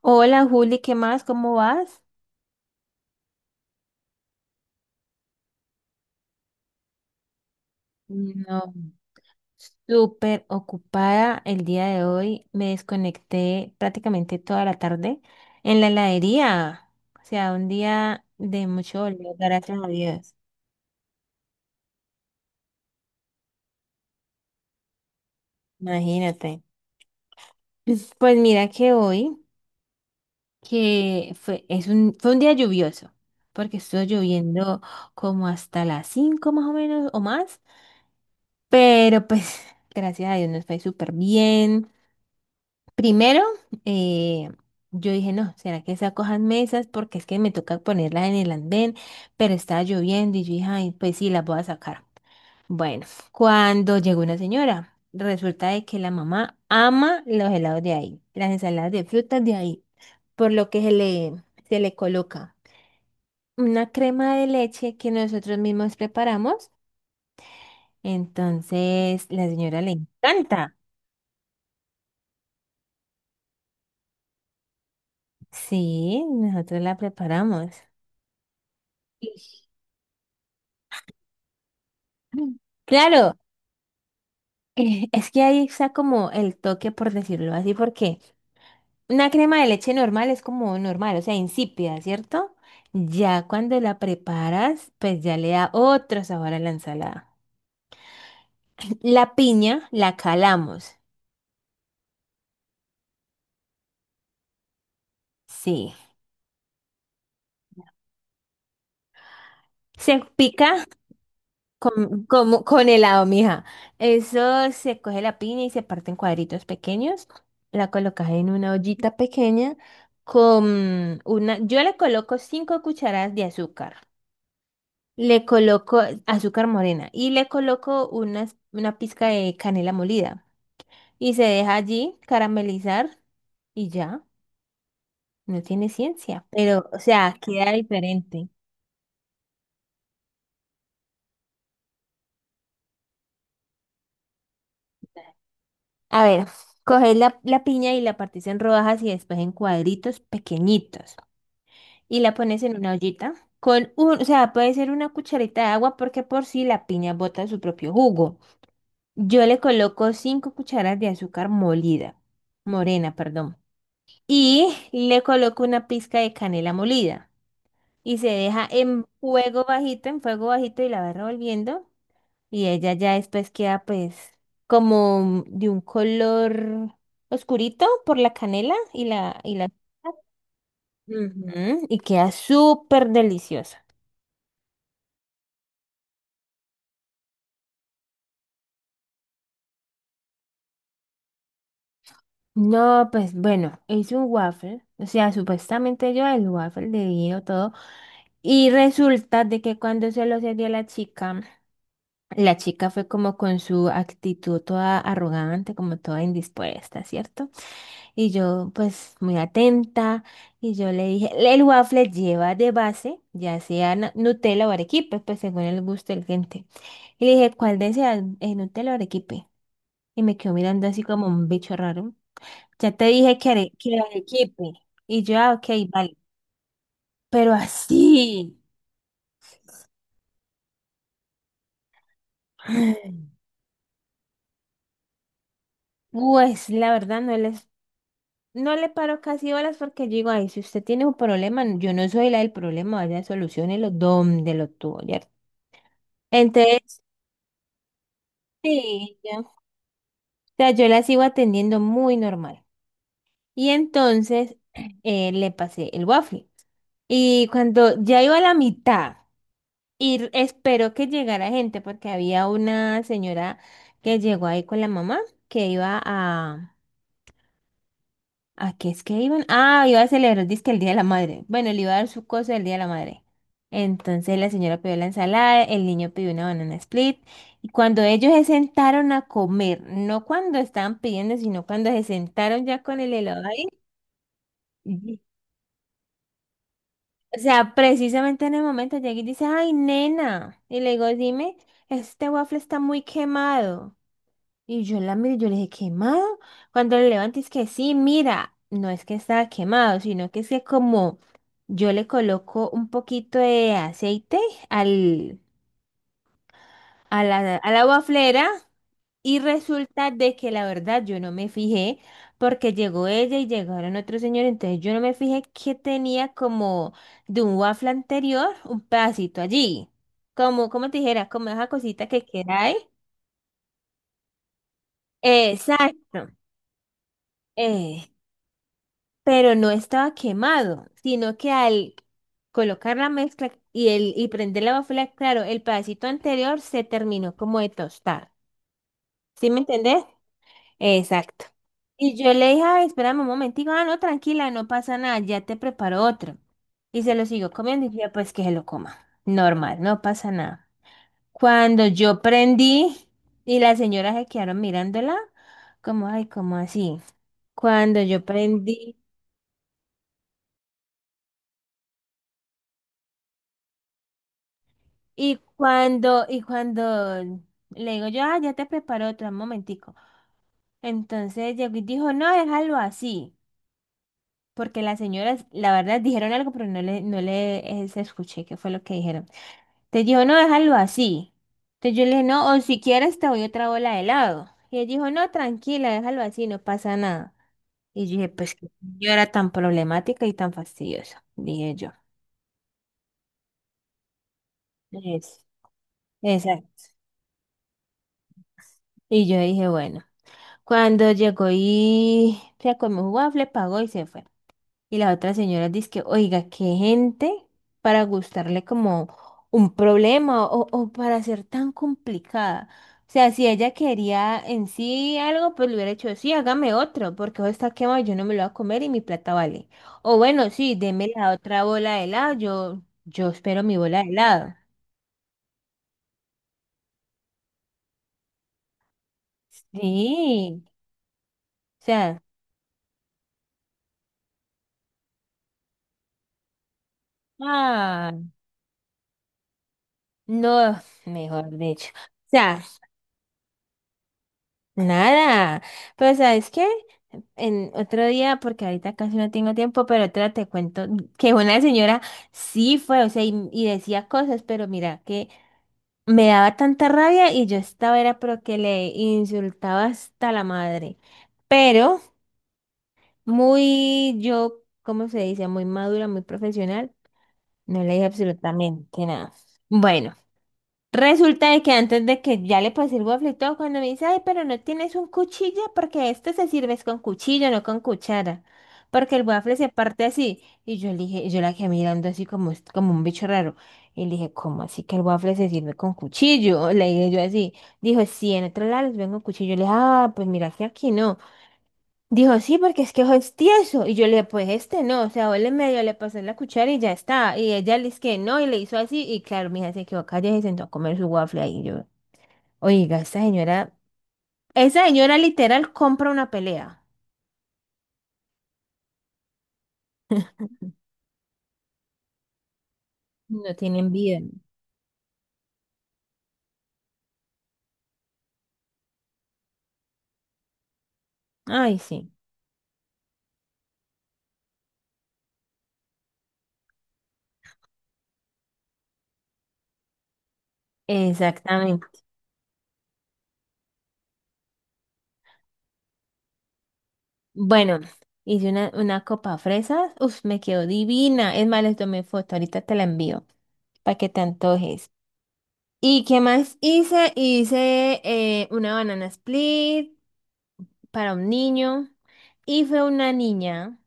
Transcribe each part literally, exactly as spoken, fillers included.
Hola Juli, ¿qué más? ¿Cómo vas? No, súper ocupada el día de hoy. Me desconecté prácticamente toda la tarde en la heladería. O sea, un día de mucho olor, gracias a Dios. Imagínate. Pues pues mira que hoy, que fue, es un, fue un día lluvioso, porque estuvo lloviendo como hasta las cinco más o menos o más. Pero pues, gracias a Dios nos fue súper bien. Primero, eh, yo dije, no, ¿será que se acojan mesas? Porque es que me toca ponerlas en el andén, pero estaba lloviendo y yo dije, ay, pues sí, las voy a sacar. Bueno, cuando llegó una señora, resulta de que la mamá ama los helados de ahí, las ensaladas de frutas de ahí, por lo que se le, se le coloca una crema de leche que nosotros mismos preparamos. Entonces, la señora le encanta. Sí, nosotros la preparamos. Claro, eh, es que ahí está como el toque, por decirlo así, porque una crema de leche normal es como normal, o sea, insípida, ¿cierto? Ya cuando la preparas, pues ya le da otro sabor a la ensalada. La piña la calamos, sí. Se pica con, como con helado, mija. Eso se coge la piña y se parte en cuadritos pequeños. La colocas en una ollita pequeña con una... Yo le coloco cinco cucharadas de azúcar. Le coloco azúcar morena y le coloco unas- una pizca de canela molida y se deja allí caramelizar y ya, no tiene ciencia, pero o sea, queda diferente. A ver, coges la, la piña y la partís en rodajas y después en cuadritos pequeñitos y la pones en una ollita con un, o sea, puede ser una cucharita de agua porque por si la piña bota su propio jugo. Yo le coloco cinco cucharas de azúcar molida, morena, perdón. Y le coloco una pizca de canela molida y se deja en fuego bajito, en fuego bajito y la va revolviendo y ella ya después queda pues como de un color oscurito por la canela y la y la Ujú, y queda súper deliciosa. No, pues bueno, hice un waffle, o sea, supuestamente yo el waffle de vino todo y resulta de que cuando se lo serví a la chica. La chica fue como con su actitud toda arrogante, como toda indispuesta, ¿cierto? Y yo, pues, muy atenta, y yo le dije, el waffle lleva de base, ya sea na- Nutella o arequipe, pues según el gusto del gente. Y le dije, ¿cuál deseas, eh, Nutella o arequipe? Y me quedó mirando así como un bicho raro. Ya te dije que, are- que arequipe. Y yo, ah, ok, vale. Pero así. Pues la verdad no les No le paro casi horas porque digo, ay, si usted tiene un problema, yo no soy la del problema, vaya, soluciónelo donde lo tuvo, ¿cierto? Entonces, sí, yo, o sea, yo la sigo atendiendo muy normal. Y entonces eh, le pasé el waffle. Y cuando ya iba a la mitad, y r- esperó que llegara gente, porque había una señora que llegó ahí con la mamá, que iba a, ¿a qué es que iban? Ah, iba a celebrar, dizque el Día de la Madre. Bueno, le iba a dar su cosa del Día de la Madre. Entonces la señora pidió la ensalada, el niño pidió una banana split. Y cuando ellos se sentaron a comer, no cuando estaban pidiendo, sino cuando se sentaron ya con el helado ahí. Ujú. O sea, precisamente en el momento llegué y dice, ay, nena. Y le digo, dime, este waffle está muy quemado. Y yo la miré, yo le dije, ¿quemado? Cuando le levanté es que sí, mira, no es que estaba quemado, sino que es que como yo le coloco un poquito de aceite al, a la, a la waflera y resulta de que la verdad yo no me fijé porque llegó ella y llegaron otros señores, entonces yo no me fijé que tenía como de un waffle anterior un pedacito allí, como, como te dijera, como esa cosita que queda ahí. Exacto. Eh, pero no estaba quemado, sino que al colocar la mezcla y, el, y prender la bafla, claro, el pedacito anterior se terminó como de tostar. ¿Sí me entendés? Exacto. Y yo le dije, ay, espérame un momentico, ah, no, tranquila, no pasa nada, ya te preparo otro. Y se lo siguió comiendo y dije, pues que se lo coma. Normal, no pasa nada. Cuando yo prendí y las señoras se quedaron mirándola, como, ay, como así. Cuando yo prendí Y cuando, y cuando le digo yo, ah, ya te preparo otra, un momentico. Entonces llegó y dijo, no, déjalo así. Porque las señoras, la verdad, dijeron algo, pero no le, no le eh, se escuché qué fue lo que dijeron. Te dijo, no, déjalo así. Entonces yo le dije, no, o si quieres te doy otra bola de helado. Y ella dijo, no, tranquila, déjalo así, no pasa nada. Y yo dije, pues qué señora tan problemática y tan fastidiosa, dije yo. Es, exacto. Y yo dije, bueno. Cuando llegó y se comió un waffle, pagó y se fue. Y la otra señora dice que, oiga, qué gente para gustarle como un problema o, o para ser tan complicada. O sea, si ella quería en sí algo, pues le hubiera dicho, sí, hágame otro, porque hoy está quemado, yo no me lo voy a comer y mi plata vale. O bueno, sí, deme la otra bola de helado, yo, yo espero mi bola de helado. Sí, o sea, ah, no, mejor dicho. O sea, nada, pero ¿sabes qué? En otro día, porque ahorita casi no tengo tiempo, pero otra te cuento que una señora sí fue, o sea, y, y decía cosas, pero mira, que me daba tanta rabia y yo estaba, era pero que le insultaba hasta la madre, pero muy, yo, ¿cómo se dice? Muy madura, muy profesional, no le dije absolutamente nada. Bueno. Resulta de que antes de que ya le pasé el waffle y todo, cuando me dice, ay, pero no tienes un cuchillo, porque este se sirve es con cuchillo, no con cuchara, porque el waffle se parte así. Y yo le dije, yo la quedé mirando así como, es- como un bicho raro. Y le dije, ¿cómo así que el waffle se sirve con cuchillo? Le dije yo así. Dijo, sí, en otro lado les vengo cuchillo. Le dije, ah, pues mira que aquí no. Dijo, sí, porque es que ojo es tieso. Y yo le dije, pues este no, o sea, huele medio, le pasé la cuchara y ya está. Y ella le dice que no, y le hizo así. Y claro, mi hija se quedó callada y se sentó a comer su waffle ahí. Yo, oiga, esta señora, esa señora literal compra una pelea. No tienen vida. Ay, sí, exactamente. Bueno, hice una, una copa fresas. Uf, me quedó divina. Es más, les tomé foto, ahorita te la envío para que te antojes. ¿Y qué más hice? Hice eh, una banana split. Para un niño y fue una niña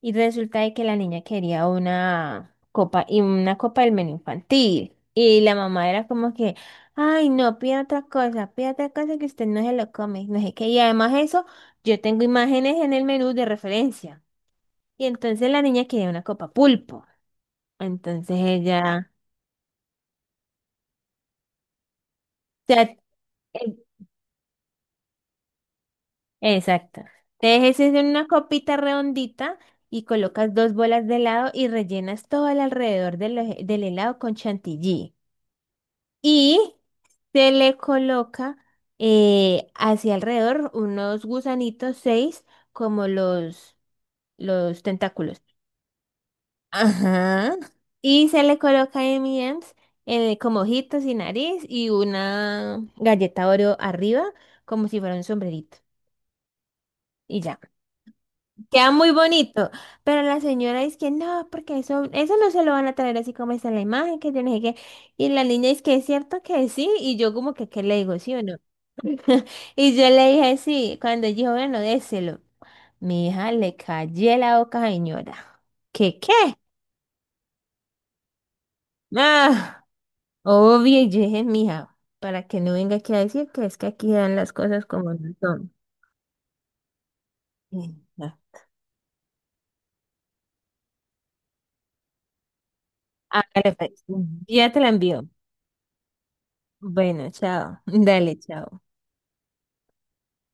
y resulta de que la niña quería una copa y una copa del menú infantil y la mamá era como que, ay no, pida otra cosa, pida otra cosa que usted no se lo come, no sé qué, y además eso, yo tengo imágenes en el menú de referencia y entonces la niña quería una copa pulpo, entonces ella, o sea, exacto. Entonces ese es en una copita redondita y colocas dos bolas de helado y rellenas todo el alrededor del, eje- del helado con chantilly. Y se le coloca eh, hacia alrededor unos gusanitos, seis, como los, los tentáculos. Ajá. Y se le coloca M y M's eh, como ojitos y nariz y una galleta Oreo arriba como si fuera un sombrerito. Y ya. Queda muy bonito, pero la señora dice que no, porque eso, eso no se lo van a traer así como está en la imagen, que yo no sé qué. Y la niña dice que es cierto que sí, y yo como que, ¿qué le digo, sí o no? Y yo le dije sí, cuando ella dijo, bueno, déselo. Mi hija le cayó la boca, señora. ¿Qué qué? Ah, obvio, y yo dije, mija, para que no venga aquí a decir que es que aquí dan las cosas como no son. Sí, ya. Hágale, pues, ya te la envío. Bueno, chao. Dale, chao.